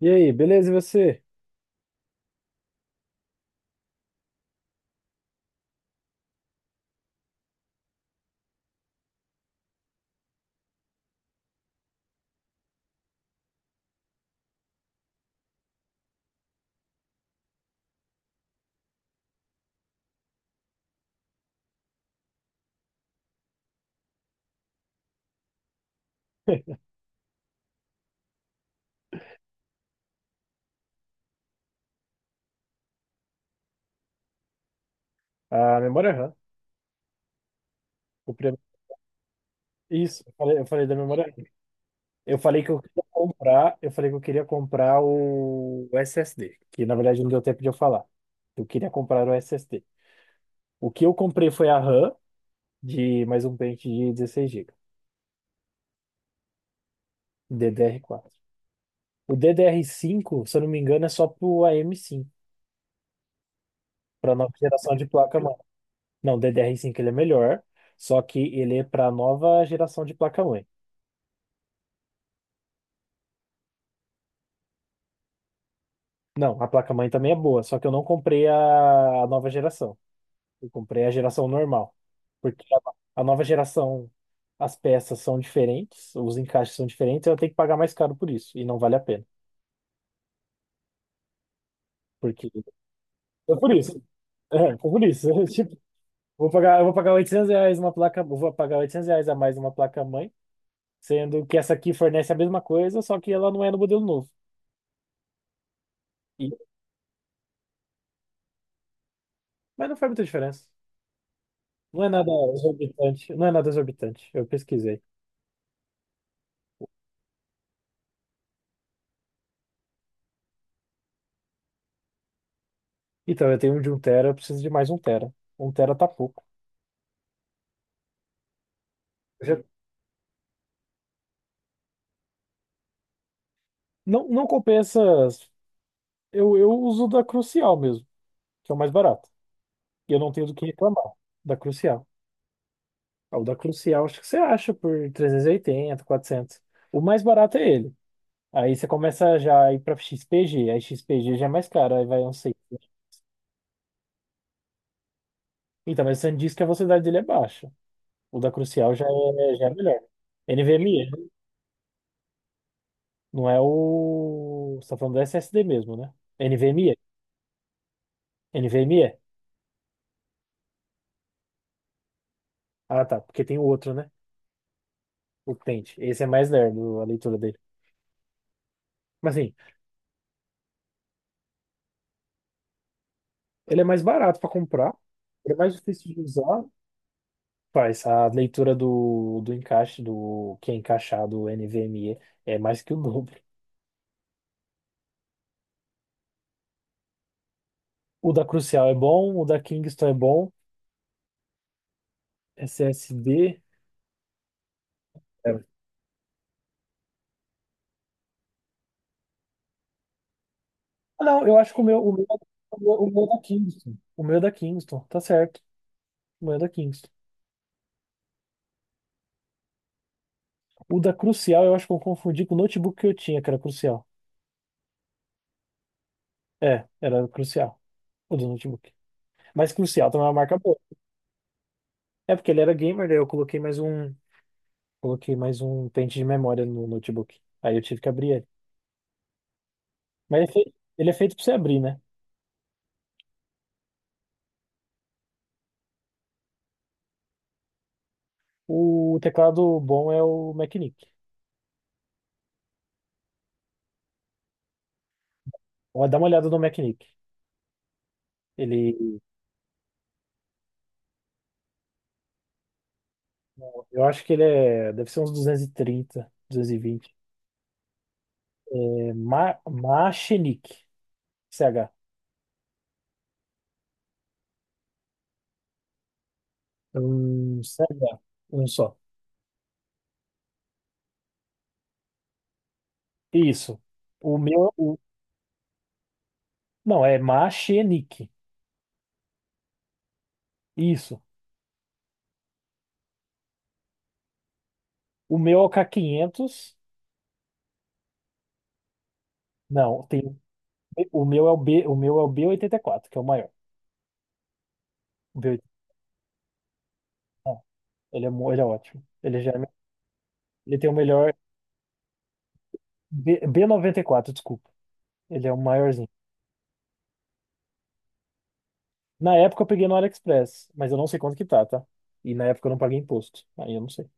E aí, beleza, e você? A memória RAM. O primeiro... Isso, eu falei da memória RAM. Eu falei que eu queria comprar o SSD, que na verdade não deu tempo de eu falar. Eu queria comprar o SSD. O que eu comprei foi a RAM de mais um pente de 16 GB, DDR4. O DDR5, se eu não me engano, é só pro AM5, para nova geração de placa-mãe. Não, o DDR5 ele é melhor, só que ele é para nova geração de placa-mãe. Não, a placa-mãe também é boa, só que eu não comprei a nova geração. Eu comprei a geração normal. Porque a nova geração, as peças são diferentes, os encaixes são diferentes, eu tenho que pagar mais caro por isso. E não vale a pena. Porque. É por isso. É por isso. Tipo, eu vou pagar R$ 800 uma placa. Eu Vou pagar 800 reais a mais uma placa-mãe, sendo que essa aqui fornece a mesma coisa, só que ela não é no modelo novo. E- mas não faz muita diferença. Não é nada exorbitante. Não é nada exorbitante. Eu pesquisei. Então, eu tenho um de um tera, eu preciso de mais um tera. Um tera tá pouco. Já não, não compensa. Eu uso da Crucial mesmo, que é o mais barato. E eu não tenho do que reclamar da Crucial. Ah, o da Crucial, acho que você acha por 380, 400 O mais barato é ele. Aí você começa já a ir pra XPG. Aí XPG já é mais caro, aí vai um 600. Então, mas você diz que a velocidade dele é baixa. O da Crucial já é melhor. NVMe, não é o. Você tá falando do SSD mesmo, né? NVMe. NVMe. Ah, tá. Porque tem o outro, né? O Tente. Esse é mais lerdo, a leitura dele. Mas assim, ele é mais barato pra comprar, ele é mais difícil de usar. Faz a leitura do encaixe, do que é encaixado, o NVMe, é mais que o dobro. O da Crucial é bom, o da Kingston é bom, SSD. É. Ah, não, eu acho que o meu é da Kingston. O meu é da Kingston, tá certo. O meu é da Kingston. O da Crucial, eu acho que eu confundi com o notebook que eu tinha, que era Crucial. É, era Crucial, o do notebook. Mas Crucial também é uma marca boa. É porque ele era gamer, daí eu coloquei mais um pente de memória no notebook. Aí eu tive que abrir ele. Mas ele é feito para você abrir, né? O teclado bom é o Macnic. Ó, dá uma olhada no Macnic. Ele, eu acho que deve ser uns 230, 220. É, Machinic, CH. Um CH, um só. Isso. O meu, o, não, é Machinic. Isso. O meu é o K500. Não, tem. O meu é o B oitenta e quatro que é o maior. O b oitenta e quatro ele é ótimo. Ele já, é- me- Ele tem o melhor B94. Desculpa. Ele é o maiorzinho. Na época eu peguei no AliExpress, mas eu não sei quanto que tá, tá? E na época eu não paguei imposto. Aí eu não sei.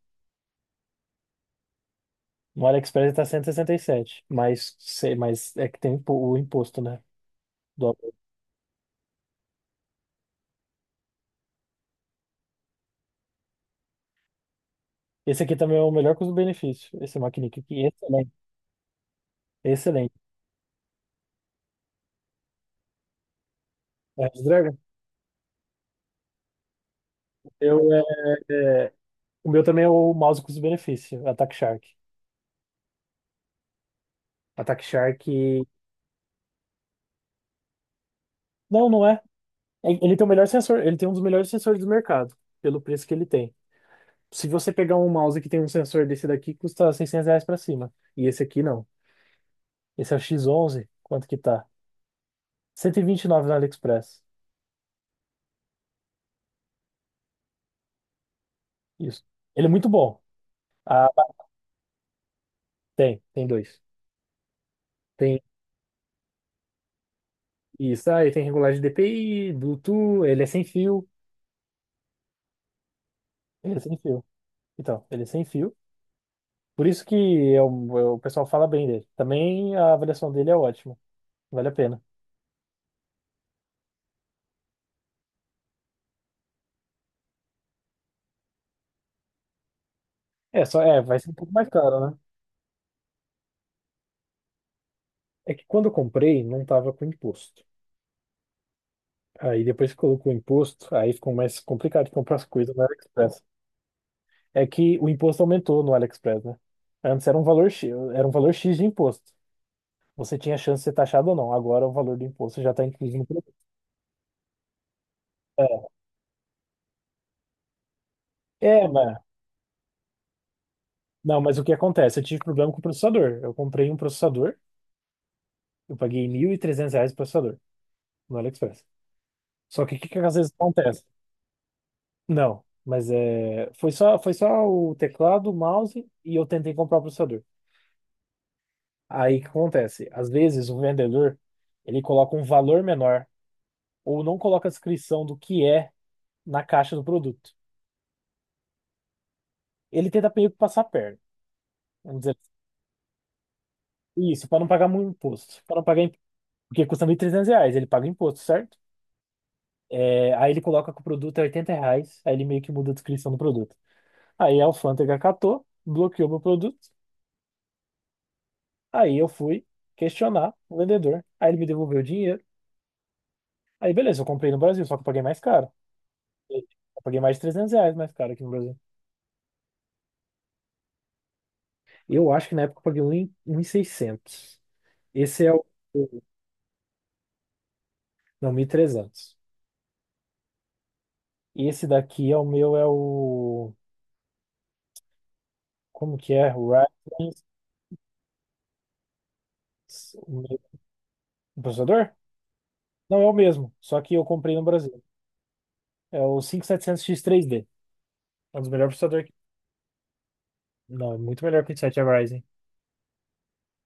No AliExpress ele tá 167, mas sei, mas é que tem o imposto, né? do Esse aqui também é o melhor custo-benefício. Esse Mackinic aqui, excelente, excelente. É, Dragon, eu é, é, o meu também é o mouse custo-benefício, Attack Shark. Attack Shark. Não, não é. Ele tem o melhor sensor, ele tem um dos melhores sensores do mercado, pelo preço que ele tem. Se você pegar um mouse que tem um sensor desse daqui, custa R$ 600 pra cima. E esse aqui não. Esse é o X11 quanto que tá? Cento e vinte e nove no AliExpress. Isso. Ele é muito bom. Ah, tem dois. Tem isso, aí tem regulagem de DPI, Bluetooth, ele é sem fio. Ele é sem fio. Então, ele é sem fio. Por isso que é o pessoal fala bem dele. Também a avaliação dele é ótima. Vale a pena. É, só, é, vai ser um pouco mais caro, né? É que quando eu comprei, não tava com imposto. Aí depois que colocou o imposto, aí ficou mais complicado de comprar as coisas no AliExpress. É que o imposto aumentou no AliExpress, né? Antes era um valor X, era um valor X de imposto. Você tinha chance de ser taxado ou não. Agora o valor do imposto já está incluso no produto. É, é, mas, não, mas o que acontece? Eu tive problema com o processador. Eu comprei um processador, eu paguei R$ 1.300 o processador no AliExpress. Só que o que que às vezes acontece? Não, mas é, foi só o teclado, o mouse e eu tentei comprar o processador. Aí o que acontece? Às vezes o vendedor ele coloca um valor menor ou não coloca a descrição do que é na caixa do produto. Ele tenta meio que passar a perna. Vamos dizer, assim. Isso, para não pagar muito imposto. Para não pagar, porque custa R$ 1.300, ele paga imposto, certo? É, aí ele coloca que o produto é R$ 80, aí ele meio que muda a descrição do produto. Aí a alfândega catou, bloqueou meu produto. Aí eu fui questionar o vendedor. Aí ele me devolveu o dinheiro. Aí beleza, eu comprei no Brasil, só que eu paguei mais caro. Eu paguei mais de R$ 300 mais caro aqui no Brasil. Eu acho que na época eu paguei 1.000 seiscentos. Esse é o. Não, mil e trezentos. E esse daqui é o meu, é o. Como que é? O Ryzen. O meu- o processador? Não, é o mesmo, só que eu comprei no Brasil. É o 5700 x três d. É um dos melhores processadores. Não, é muito melhor que o Ryzen 7.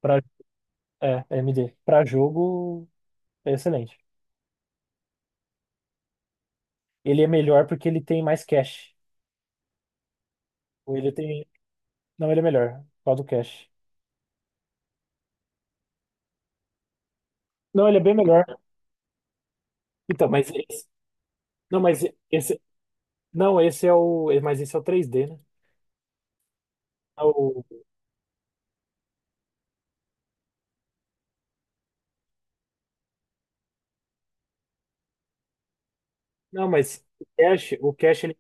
Pra... É, AMD. Para jogo, é excelente. Ele é melhor porque ele tem mais cache. Ou ele tem. Não, ele é melhor. Qual do cache? Não, ele é bem melhor. Então, mas esse. Não, mas esse. Não, esse é o. Mas esse é o três d, né? Ah, o- Não, mas o cache, ele...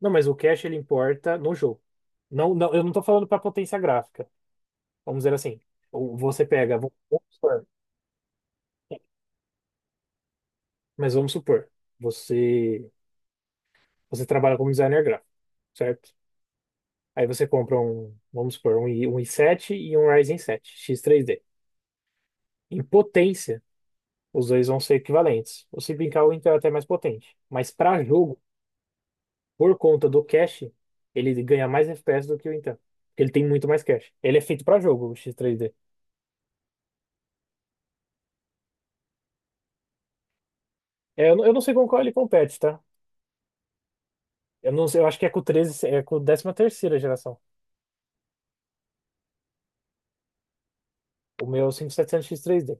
Não, mas o cache ele importa no jogo. Não, não, eu não tô falando para potência gráfica. Vamos dizer assim. Ou vamos supor, mas vamos supor, você você trabalha como designer gráfico, certo? Aí você compra um, vamos supor, um, um i7 e um Ryzen 7 x três d. Em potência, os dois vão ser equivalentes. Ou se brincar, o Intel é até mais potente. Mas para jogo, por conta do cache, ele ganha mais FPS do que o Intel. Porque ele tem muito mais cache. Ele é feito para jogo, o X3D. É, não, eu não sei com qual ele compete, tá? Eu não sei, eu acho que é com o 13, é com a 13ª geração. O meu é o 5700X3D.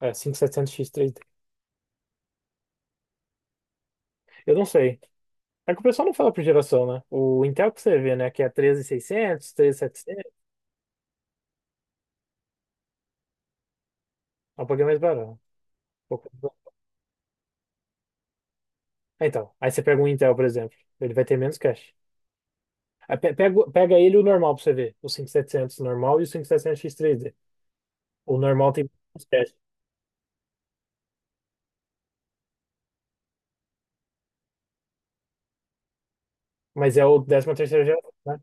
É, 5700X3D. Eu não sei. É que o pessoal não fala por geração, né? O Intel que você vê, né? Que é 13600, 13700, é um pouquinho mais barato. Pouco- Ah, então, aí você pega um Intel, por exemplo. Ele vai ter menos cache. Pega ele e o normal pra você ver. O 5700 normal e o 5700 x três d. O normal tem mais teste, mas é o 13ª geração, né?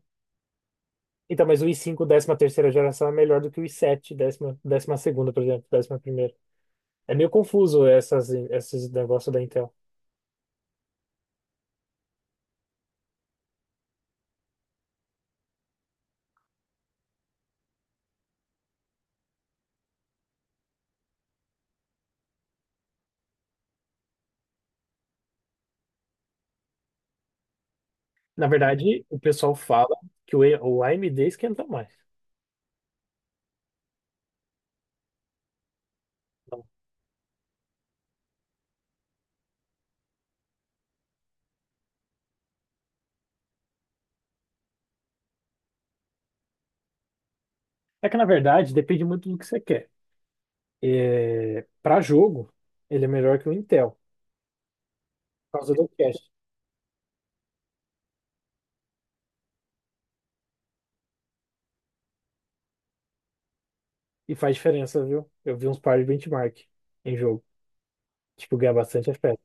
Então, mas o i5 13ª geração é melhor do que o i7 12ª por exemplo, décima ª. É meio confuso essas, esses negócios da Intel. Na verdade, o pessoal fala que o AMD esquenta mais. Então, é que, na verdade, depende muito do que você quer. É, para jogo, ele é melhor que o Intel, por causa do cache. E faz diferença, viu? Eu vi uns par de benchmark em jogo. Tipo, ganha bastante FPS.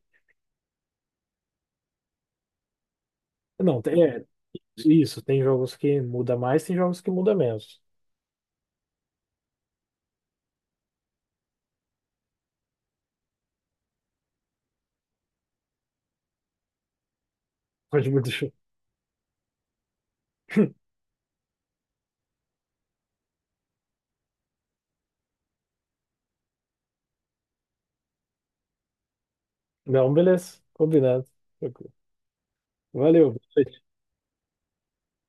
Não, é isso. Tem jogos que muda mais, tem jogos que muda menos. Pode mudar. Não, beleza. Combinado. Tranquilo. Valeu.